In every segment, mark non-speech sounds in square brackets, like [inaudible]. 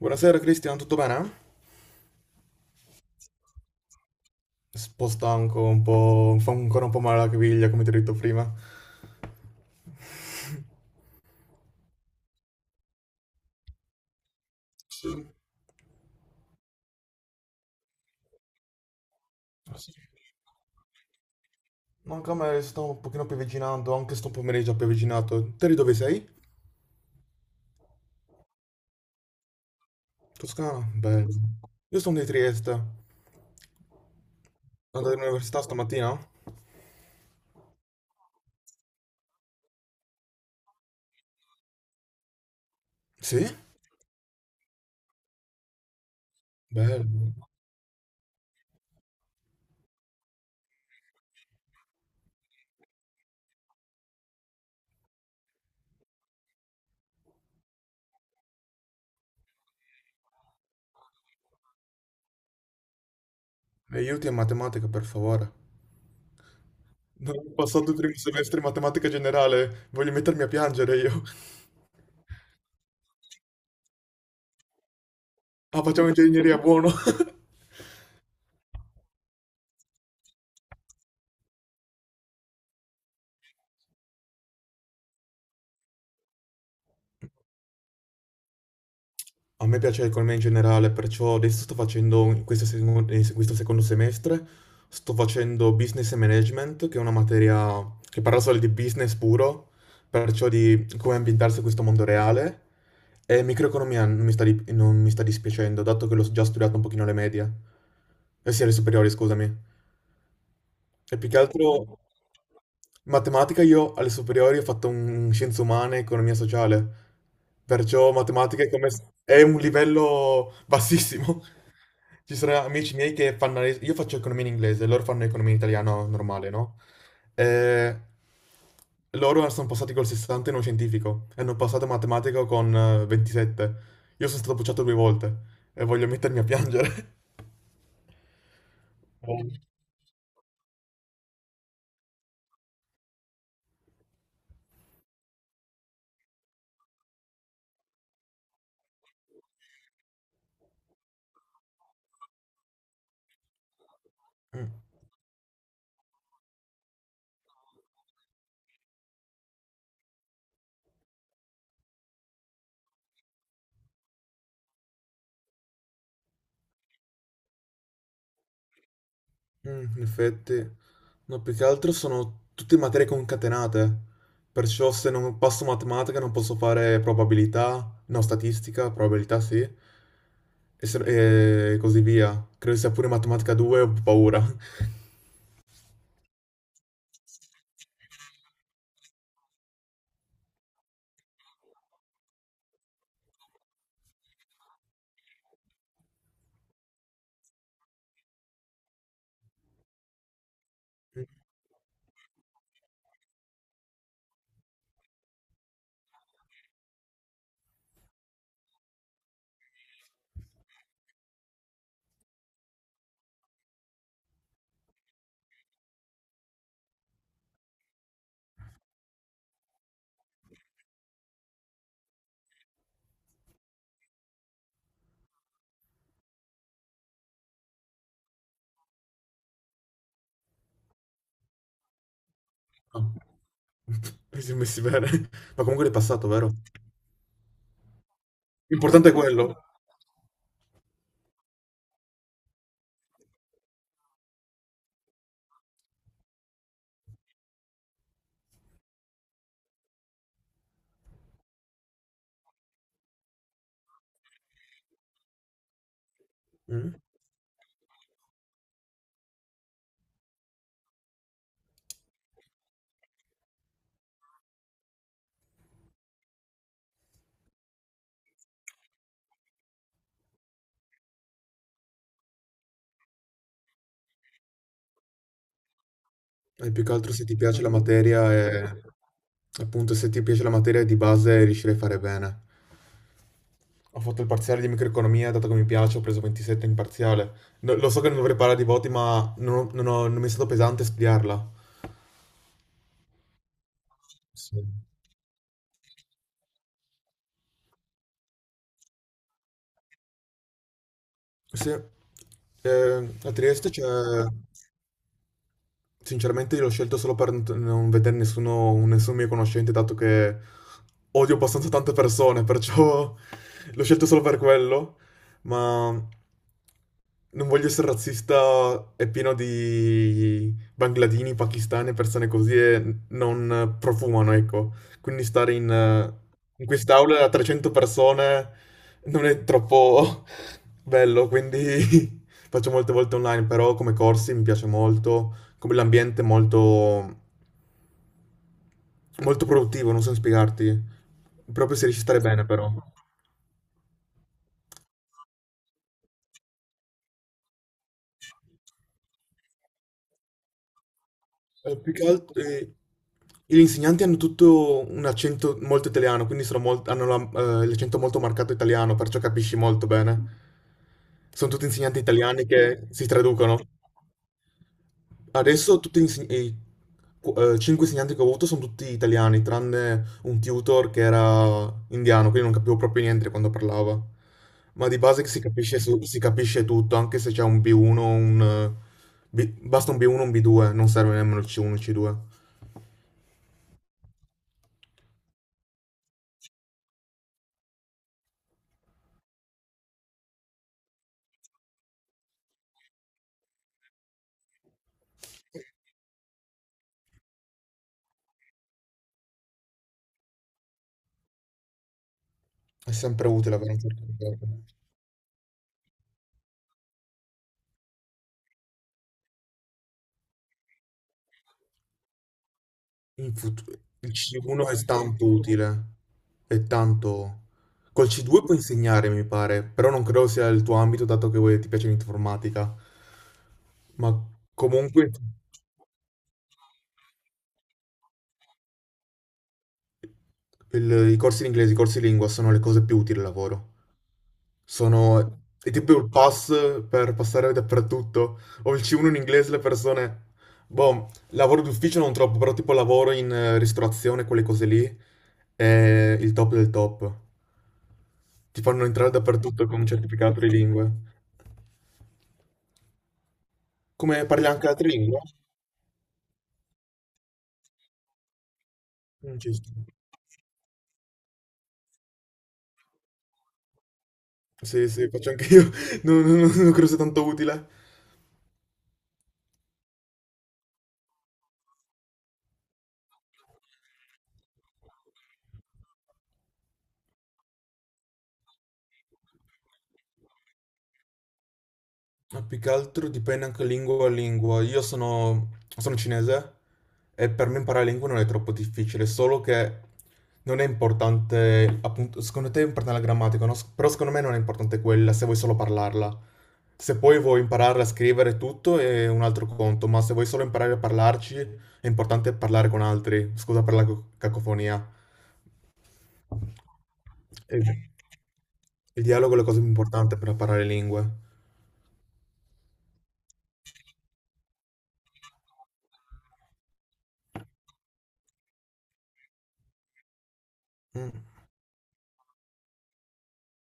Buonasera Cristian, tutto bene? Un po' stanco, un po', fa ancora un po' male la caviglia, come ti ho detto prima. Sì, ah, sì. No, anche a me sto un pochino piovigginando, anche sto pomeriggio ha pioviginato. Te di dove sei? Toscana? Bello. Io sono di Trieste. Andate all'università stamattina? Sì? Bello. Mi aiuti a matematica, per favore. Non ho passato il primo semestre in matematica generale, voglio mettermi a piangere io. Ah, facciamo ingegneria, buono. [laughs] A me piace l'economia in generale, perciò adesso sto facendo un- questo, seco- se- questo secondo semestre, sto facendo business e management, che è una materia che parla solo di business puro, perciò di come ambientarsi in questo mondo reale, e microeconomia non mi sta, non mi sta dispiacendo, dato che l'ho già studiato un pochino alle medie, eh sì, alle superiori, scusami. E più che altro matematica io alle superiori ho fatto un scienze umane e economia sociale, perciò matematica è un livello bassissimo. [laughs] Ci sono amici miei che fanno. Io faccio economia in inglese, loro fanno economia in italiano normale, no? E loro sono passati col 60 in uno scientifico e hanno passato matematica con 27. Io sono stato bocciato due volte e voglio mettermi a piangere. [laughs] Oh. Mm. In effetti, no, più che altro sono tutte materie concatenate, perciò se non passo matematica non posso fare probabilità, no, statistica, probabilità sì, e, se- e così via. Credo sia pure matematica 2, ho paura. Mm, No, [laughs] mi sono messi bene, ma comunque l'hai passato, vero? L'importante è quello. Mm? E più che altro se ti piace la materia e appunto se ti piace la materia di base riuscirei a fare bene. Ho fatto il parziale di microeconomia, dato che mi piace, ho preso 27 in parziale. Lo so che non dovrei parlare di voti, ma non mi è stato pesante studiarla. Sì. Sì. A Trieste c'è. Sinceramente io l'ho scelto solo per non vedere nessuno, nessun mio conoscente, dato che odio abbastanza tante persone, perciò [laughs] l'ho scelto solo per quello, ma non voglio essere razzista, è pieno di bangladini, pakistani, persone così e non profumano, ecco. Quindi stare in quest'aula a 300 persone non è troppo [laughs] bello, quindi [laughs] faccio molte volte online, però come corsi mi piace molto come l'ambiente è molto, molto produttivo, non so spiegarti, proprio se riesci a stare bene però. Più che altro, gli insegnanti hanno tutto un accento molto italiano, quindi sono molt- hanno la- l'accento molto marcato italiano, perciò capisci molto bene. Sono tutti insegnanti italiani che si traducono. Adesso tutti gli inseg- i qu- cinque insegnanti che ho avuto sono tutti italiani, tranne un tutor che era indiano, quindi non capivo proprio niente quando parlava. Ma di base che si capisce, si capisce tutto, anche se c'è un B1, basta un B1 un B2, non serve nemmeno il C1 e il C2. È sempre utile avere un certificato. Il C1 è tanto utile, è tanto. Col C2 puoi insegnare, mi pare, però non credo sia il tuo ambito, dato che ti piace l'informatica. Ma comunque i corsi di inglese, i corsi di lingua sono le cose più utili al lavoro. È tipo il pass per passare dappertutto. Ho il C1 in inglese, le persone. Boh, lavoro d'ufficio non troppo, però tipo lavoro in ristorazione, quelle cose lì, è il top del top. Ti fanno entrare dappertutto con un certificato di lingue. Come parli anche altre lingue? Mm, ci sta. Sì, sì, faccio anche io. [laughs] Non credo sia tanto utile. Ma più che altro dipende anche lingua a lingua. Io sono cinese e per me imparare lingue non è troppo difficile, solo che non è importante, appunto, secondo te è importante la grammatica, no? Però secondo me non è importante quella se vuoi solo parlarla. Se poi vuoi imparare a scrivere tutto è un altro conto, ma se vuoi solo imparare a parlarci è importante parlare con altri. Scusa per la cacofonia. Il, il dialogo è la cosa più importante per imparare lingue. Mm.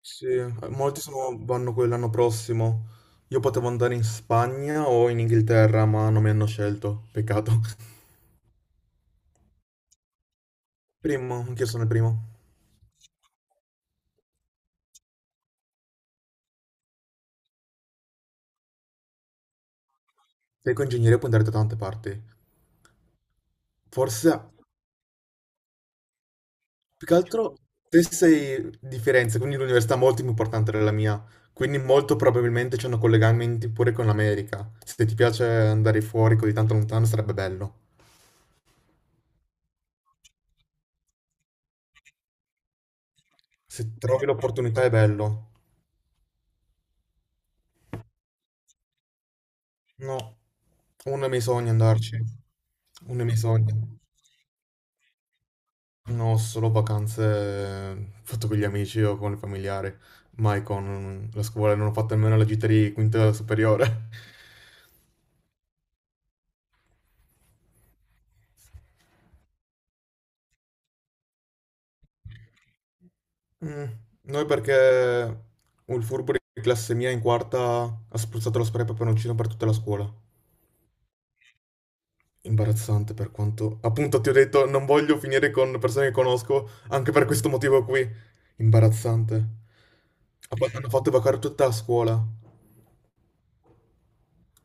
Sì, molti vanno quello l'anno prossimo. Io potevo andare in Spagna o in Inghilterra, ma non mi hanno scelto. Peccato. [laughs] Primo, anch'io sono il primo. Sei con ingegneria puoi andare da tante parti. Forse, più che altro, te sei di Firenze, quindi l'università è molto più importante della mia. Quindi molto probabilmente c'hanno collegamenti pure con l'America. Se ti piace andare fuori così tanto lontano sarebbe bello. Se trovi l'opportunità è bello. No, uno dei miei sogni è andarci, uno dei miei sogni. No, solo vacanze fatto con gli amici o con i familiari, mai con la scuola, non ho fatto nemmeno la gita di quinta superiore. [laughs] Mm, Noi perché il furbo di classe mia in quarta ha spruzzato lo spray peperoncino per tutta la scuola. Imbarazzante per quanto. Appunto, ti ho detto, non voglio finire con persone che conosco anche per questo motivo qui. Imbarazzante. Hanno fatto evacare tutta la scuola.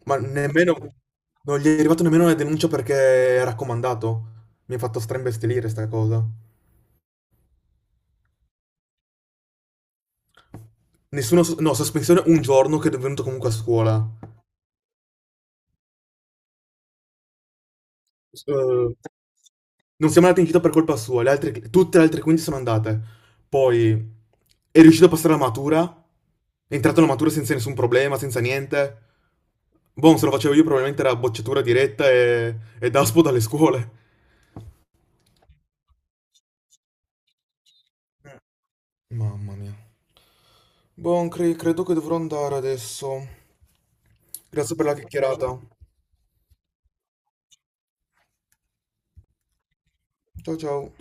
Ma nemmeno. Non gli è arrivata nemmeno la denuncia perché è raccomandato. Mi ha fatto straimbestialire sta cosa. Nessuno... s- No, sospensione un giorno che è venuto comunque a scuola. Eh, Non siamo andati in gita per colpa sua, tutte le altre 15 sono andate. Poi è riuscito a passare la matura, è entrato alla matura senza nessun problema, senza niente. Boh, se lo facevo io probabilmente era bocciatura diretta e daspo dalle scuole. Eh. Mamma mia. Boh, credo che dovrò andare adesso. Grazie per la chiacchierata. Ciao ciao.